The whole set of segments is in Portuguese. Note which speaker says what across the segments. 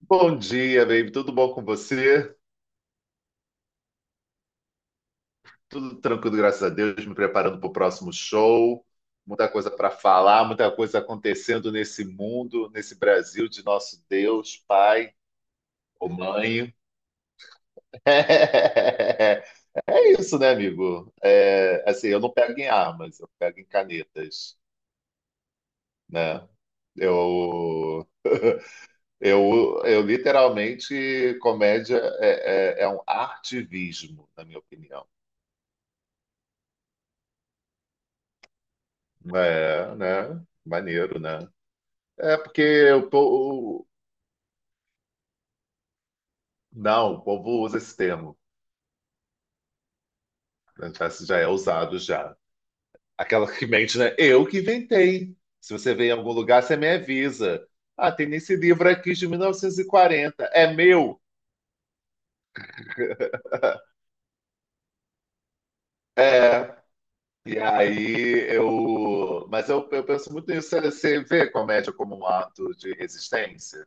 Speaker 1: Bom dia, baby. Tudo bom com você? Tudo tranquilo, graças a Deus. Me preparando para o próximo show. Muita coisa para falar, muita coisa acontecendo nesse mundo, nesse Brasil de nosso Deus, Pai ou Mãe. É isso, né, amigo? É, assim, eu não pego em armas, eu pego em canetas, né? Eu, eu literalmente, comédia é um artivismo, na minha opinião. É, né? Maneiro, né? É porque o povo. Não, o povo usa esse termo, né? Já é usado já. Aquela que mente, né? Eu que inventei. Se você vem em algum lugar, você me avisa. Ah, tem esse livro aqui de 1940. É meu? É. E aí eu. Mas eu penso muito nisso. Você vê comédia como um ato de resistência?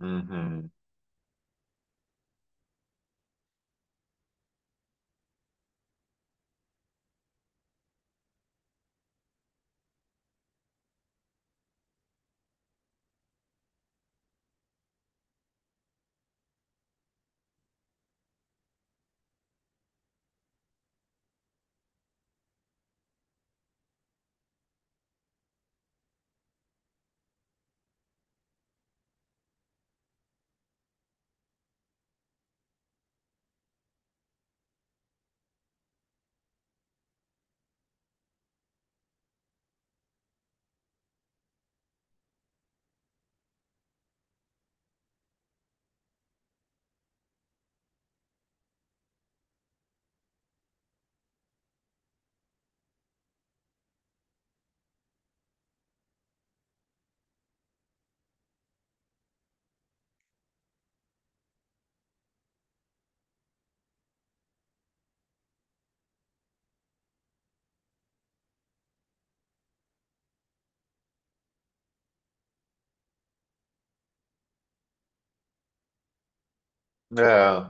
Speaker 1: Uhum.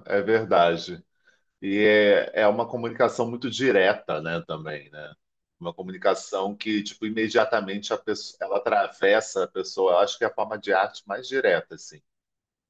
Speaker 1: É, é verdade. E é uma comunicação muito direta, né, também, né? Uma comunicação que, tipo, imediatamente a pessoa, ela atravessa a pessoa. Eu acho que é a forma de arte mais direta, assim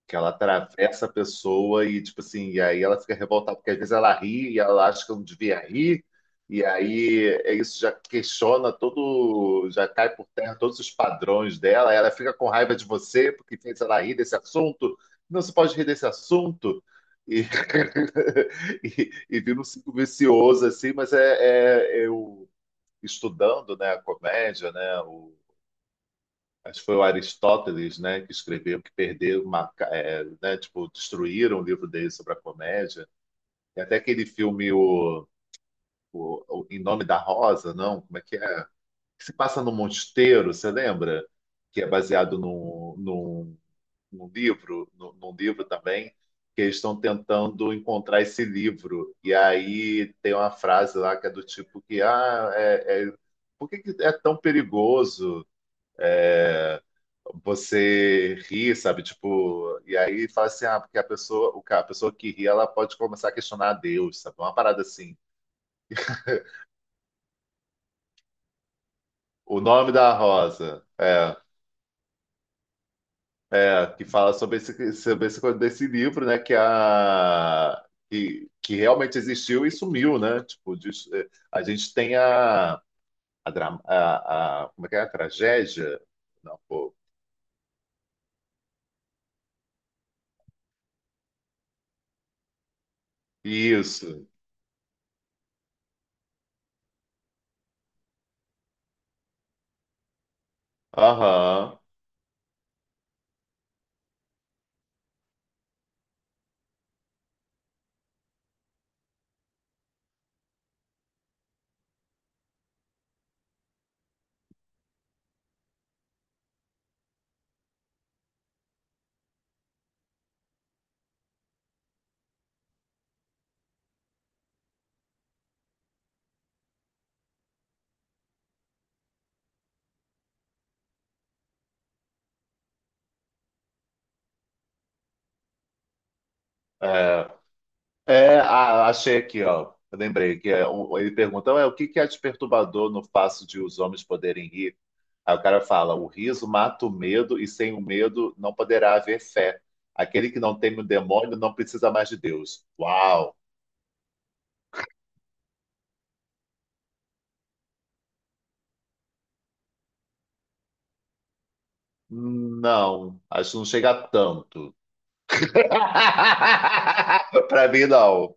Speaker 1: que ela atravessa a pessoa e, tipo assim, e aí ela fica revoltada, porque às vezes ela ri e ela acha que eu não devia rir, e aí é isso já questiona todo, já cai por terra todos os padrões dela, ela fica com raiva de você porque fez ela rir desse assunto, não se pode rir desse assunto, e, e vira um ciclo vicioso, assim, mas é eu estudando, né, a comédia, né, o acho que foi o Aristóteles, né, que escreveu que perderam uma, é, né, tipo, destruíram o livro dele sobre a comédia. E até aquele filme o, o Em Nome da Rosa, não, como é? Que se passa no mosteiro, você lembra? Que é baseado num, num livro, num livro também, que eles estão tentando encontrar esse livro. E aí tem uma frase lá que é do tipo que, ah, por que que é tão perigoso? É, você ri, sabe? Tipo, e aí fala assim, ah, porque a pessoa, a pessoa que ri, ela pode começar a questionar a Deus, sabe? Uma parada assim. O nome da rosa, que fala sobre esse desse livro, né? Que a que realmente existiu e sumiu, né? Tipo, a gente tem a, dra- a- como é que é? A tragédia? Não, pô. Isso. Aham. É. É, ah, achei aqui, ó. Eu lembrei que é ele pergunta, "Ué, o que que é de no fato de os homens poderem rir? Aí o cara fala, o riso mata o medo e sem o medo não poderá haver fé. Aquele que não teme o demônio não precisa mais de Deus. Uau! Não, acho que não chega a tanto. Para mim, não.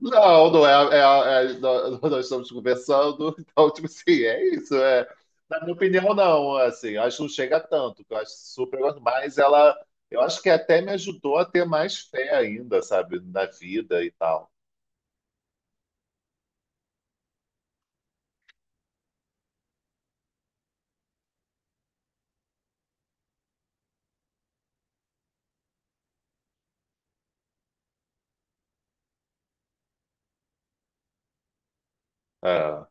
Speaker 1: Não, não é, nós estamos conversando, então, tipo assim, é isso, é. Na minha opinião, não, assim, acho que não chega tanto, que eu acho super, mas ela, eu acho que até me ajudou a ter mais fé ainda, sabe, na vida e tal. É.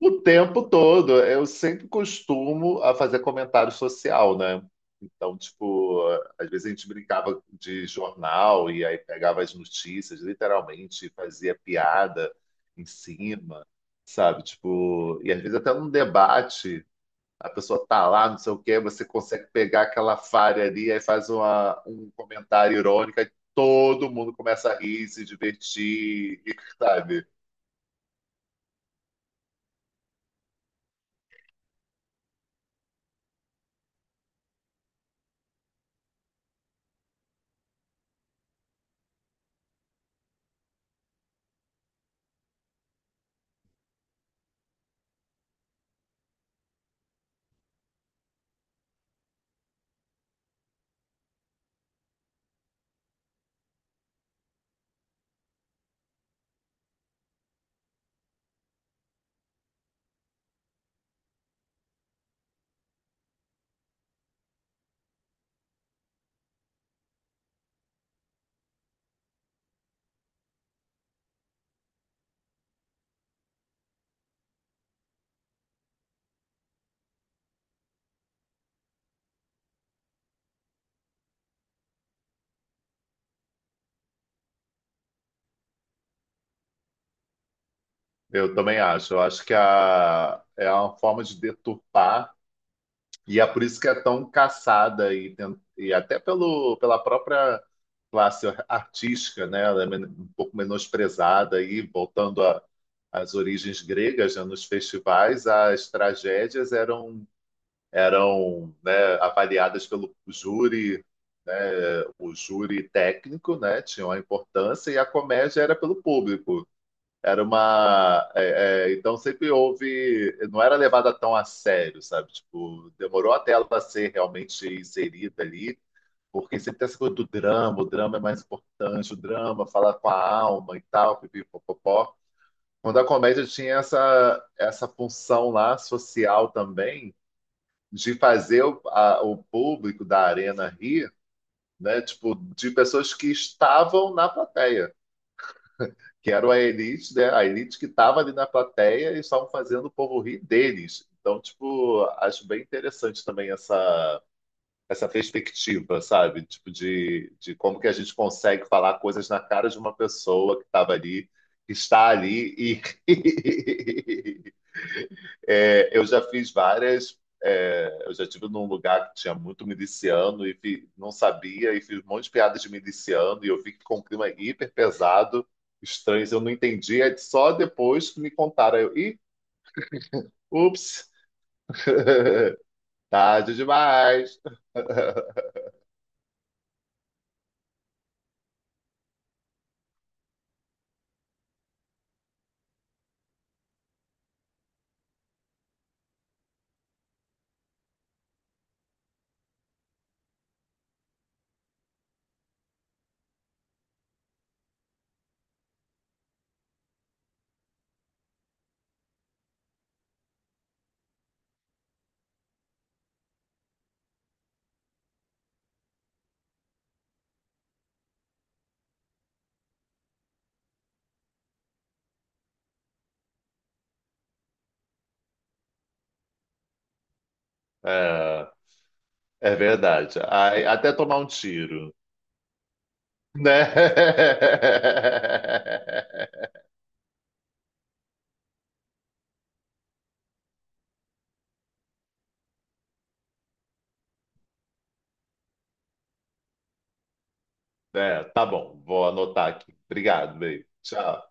Speaker 1: O tempo todo, eu sempre costumo a fazer comentário social, né? Então, tipo, às vezes a gente brincava de jornal e aí pegava as notícias, literalmente, e fazia piada em cima, sabe? Tipo, e às vezes até num debate, a pessoa tá lá, não sei o quê, você consegue pegar aquela falha ali, aí faz uma, um comentário irônico, aí todo mundo começa a rir, se divertir, sabe? Eu também acho. Eu acho que a, é uma forma de deturpar, e é por isso que é tão caçada, e até pelo, pela própria classe artística, né? Ela é um pouco menosprezada, e voltando às origens gregas, né? Nos festivais, as tragédias eram, né, avaliadas pelo júri, o júri técnico, né? Tinha uma importância, e a comédia era pelo público. Era uma. Então sempre houve. Não era levada tão a sério, sabe? Tipo, demorou até ela ser realmente inserida ali, porque sempre tem essa coisa do drama, o drama é mais importante, o drama fala com a alma e tal, pipipopopó. Quando a comédia tinha essa, essa função lá social também, de fazer o público da arena rir, né? Tipo, de pessoas que estavam na plateia. Que era a elite, né? A elite que estava ali na plateia e estavam fazendo o povo rir deles. Então, tipo, acho bem interessante também essa perspectiva, sabe? Tipo, de como que a gente consegue falar coisas na cara de uma pessoa que estava ali, que está ali e É, eu já fiz várias. Eu já estive num lugar que tinha muito miliciano não sabia, e fiz um monte de piadas de miliciano, e eu vi que ficou um clima hiper pesado, estranho, eu não entendi. É só depois que me contaram. Aí Ih, ups, tarde demais. É, é verdade. Ai, até tomar um tiro, né? É, tá bom, vou anotar aqui. Obrigado, beijo. Tchau.